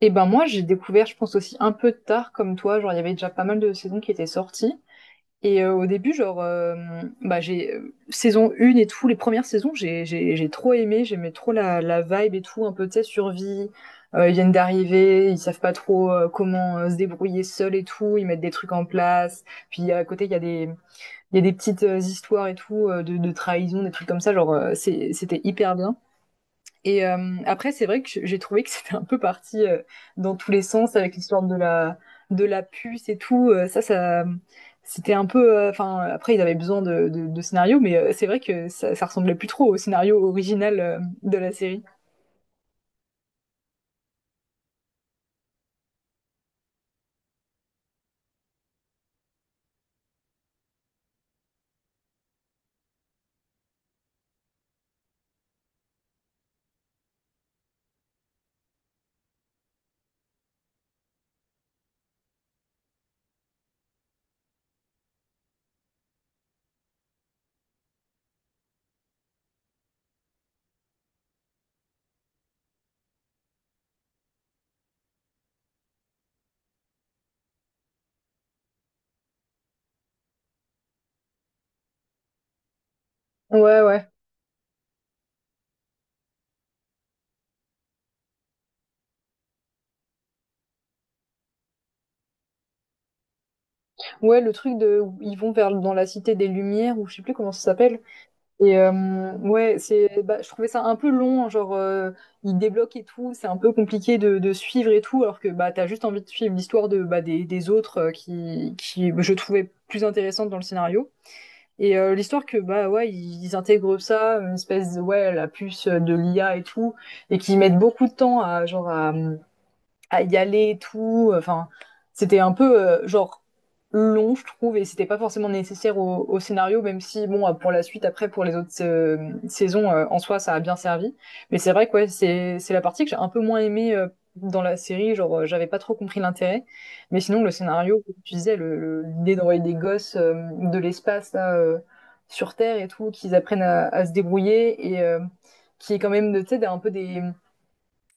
Et ben moi, j'ai découvert, je pense aussi un peu tard comme toi, genre il y avait déjà pas mal de saisons qui étaient sorties. Et au début, genre, bah, j'ai Saison 1 et tout, les premières saisons, j'ai trop aimé, j'aimais trop la vibe et tout, un peu, tu sais, survie. Ils viennent d'arriver, ils savent pas trop comment se débrouiller seuls et tout, ils mettent des trucs en place. Puis à côté, il y a des, Il y a des petites histoires et tout, de trahison, des trucs comme ça, genre, c'était hyper bien. Après, c'est vrai que j'ai trouvé que c'était un peu parti, dans tous les sens avec l'histoire de la puce et tout, c'était un peu, enfin, après ils avaient besoin de scénarios, mais c'est vrai que ça ressemblait plus trop au scénario original, de la série. Ouais, ouais. Ouais, le truc de ils vont vers dans la cité des Lumières ou je sais plus comment ça s'appelle. Et euh, ouais, c'est, bah, je trouvais ça un peu long, hein, il débloque et tout, c'est un peu compliqué de suivre et tout, alors que bah t'as juste envie de suivre l'histoire de bah, des autres qui bah, je trouvais plus intéressante dans le scénario. L'histoire que bah ouais, ils intègrent ça, une espèce de ouais la puce de l'IA et tout, et qui mettent beaucoup de temps à à y aller et tout. Enfin, c'était un peu genre long, je trouve, et c'était pas forcément nécessaire au scénario, même si bon, pour la suite, après, pour les autres saisons, en soi, ça a bien servi. Mais c'est vrai que ouais, c'est la partie que j'ai un peu moins aimée dans la série. Genre, j'avais pas trop compris l'intérêt. Mais sinon, le scénario, comme tu disais, l'idée d'envoyer des gosses de l'espace là, sur Terre et tout, qu'ils apprennent à se débrouiller et qui est quand même, tu sais, un peu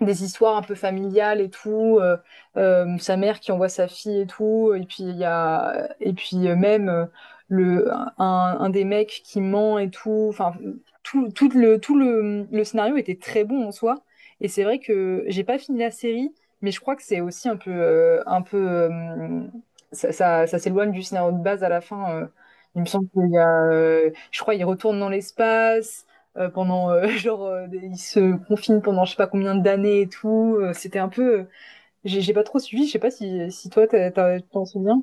des histoires un peu familiales et tout, sa mère qui envoie sa fille et tout, et puis il y a et puis même le un des mecs qui ment et tout, enfin tout, le scénario était très bon en soi et c'est vrai que j'ai pas fini la série mais je crois que c'est aussi un peu ça, ça, ça s'éloigne du scénario de base à la fin il me semble qu'il y a je crois il retourne dans l'espace pendant ils se confinent pendant je sais pas combien d'années et tout. C'était un peu, j'ai pas trop suivi. Je sais pas si si toi tu t'en souviens.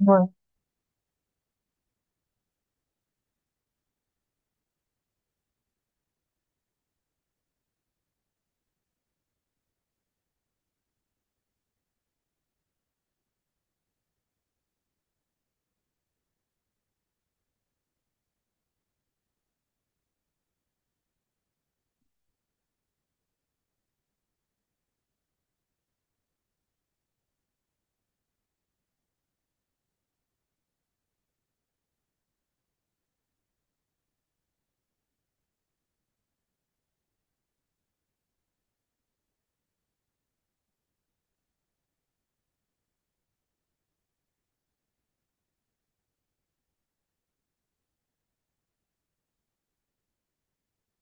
Ouais,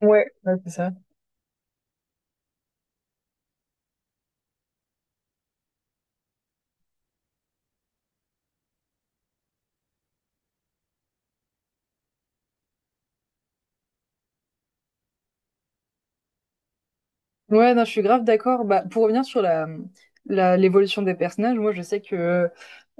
ouais, ouais, c'est ça. Ouais, non, je suis grave d'accord. Bah, pour revenir sur l'évolution des personnages, moi, je sais que,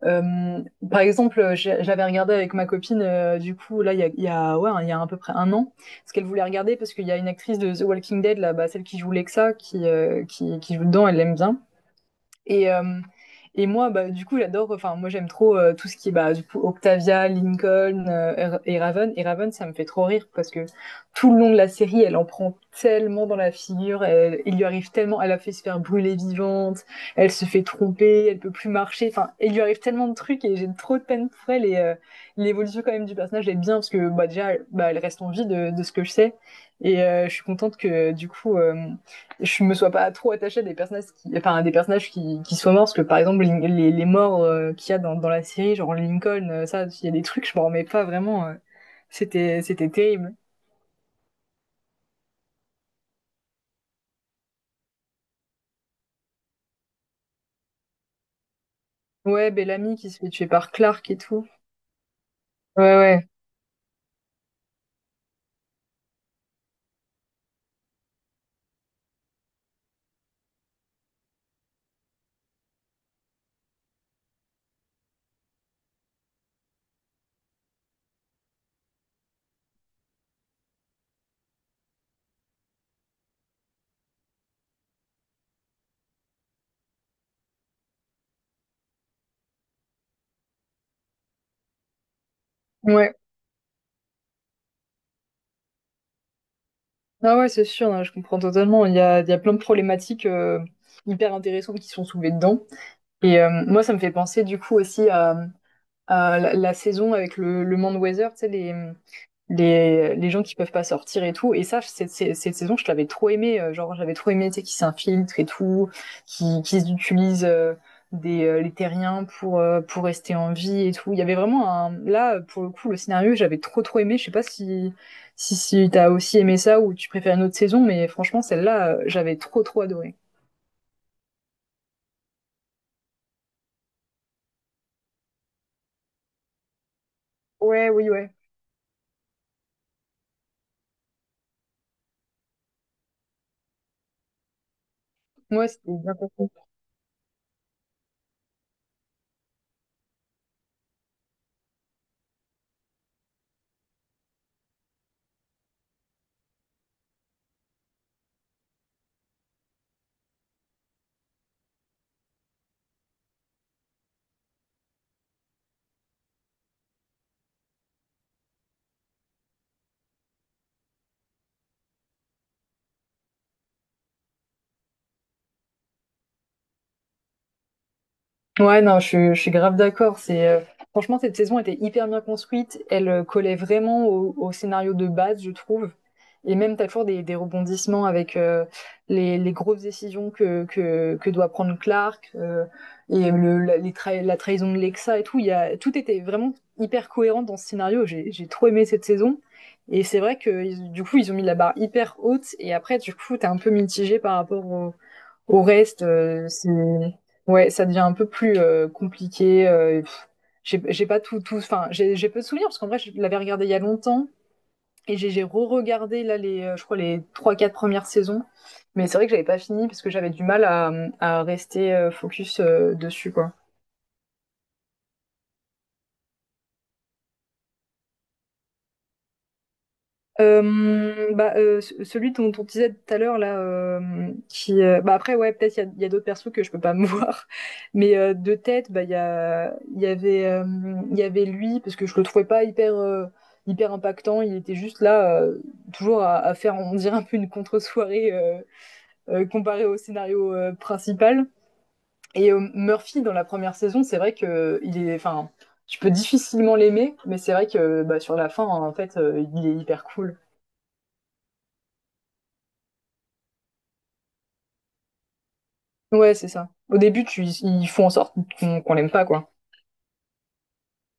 euh, par exemple, j'avais regardé avec ma copine, du coup, là, il y a à peu près un an, ce qu'elle voulait regarder parce qu'il y a une actrice de The Walking Dead, là, bah, celle qui joue Lexa, qui joue dedans, elle l'aime bien. Et, euh, et moi, bah, du coup, j'adore, enfin, moi, j'aime trop tout ce qui est, bah, du coup, Octavia, Lincoln et Raven. Et Raven, ça me fait trop rire parce que tout le long de la série, elle en prend tellement dans la figure, il lui arrive tellement, elle a fait se faire brûler vivante, elle se fait tromper, elle peut plus marcher, enfin, il lui arrive tellement de trucs et j'ai trop de peine pour elle. L'évolution, quand même, du personnage est bien parce que, bah, déjà, bah, elle reste en vie de ce que je sais. Je suis contente que, du coup, je me sois pas trop attachée à des personnages qui, enfin, à des personnages qui soient morts, parce que par exemple, les morts qu'il y a dans la série, genre Lincoln, il y a des trucs, je m'en remets pas vraiment. C'était, c'était terrible. Ouais, Bellamy qui se fait tuer par Clark et tout. Ouais, ouais, ouais. Ah ouais, c'est sûr, hein, je comprends totalement. Il y a plein de problématiques hyper intéressantes qui sont soulevées dedans. Moi, ça me fait penser du coup aussi à la saison avec le Mand Weather, tu sais, les gens qui peuvent pas sortir et tout. Et ça, cette saison, je l'avais trop aimé. Genre, j'avais trop aimé, tu sais, qui s'infiltre et tout, qui utilisent les terriens pour rester en vie et tout. Il y avait vraiment un... Là, pour le coup, le scénario, j'avais trop, trop aimé. Je sais pas si t'as aussi aimé ça ou tu préfères une autre saison, mais franchement, celle-là, j'avais trop, trop adoré. Ouais, oui, ouais. Moi, c'était bien compris. Ouais, non, je suis grave d'accord. C'est franchement cette saison était hyper bien construite. Elle collait vraiment au scénario de base, je trouve. Et même t'as toujours des rebondissements avec les grosses décisions que doit prendre Clark les la trahison de Lexa et tout. Tout était vraiment hyper cohérent dans ce scénario. J'ai trop aimé cette saison. Et c'est vrai que du coup ils ont mis la barre hyper haute. Et après du coup t'es un peu mitigé par rapport au reste, c'est ouais, ça devient un peu plus, compliqué, j'ai pas tout enfin, j'ai peu de souvenirs parce qu'en vrai, je l'avais regardé il y a longtemps et j'ai re-regardé là les, je crois les trois, quatre premières saisons, mais c'est vrai que j'avais pas fini parce que j'avais du mal à, à rester, focus, dessus, quoi. Celui dont on disait tout à l'heure là, qui bah après ouais peut-être il y a d'autres persos que je peux pas me voir, mais de tête bah il y avait lui parce que je le trouvais pas hyper impactant, il était juste là toujours à faire on dirait un peu une contre-soirée comparé au scénario principal. Murphy dans la première saison c'est vrai que il est enfin tu peux difficilement l'aimer, mais c'est vrai que bah, sur la fin en fait il est hyper cool. Ouais, c'est ça. Au début, ils font en sorte qu'on l'aime pas, quoi.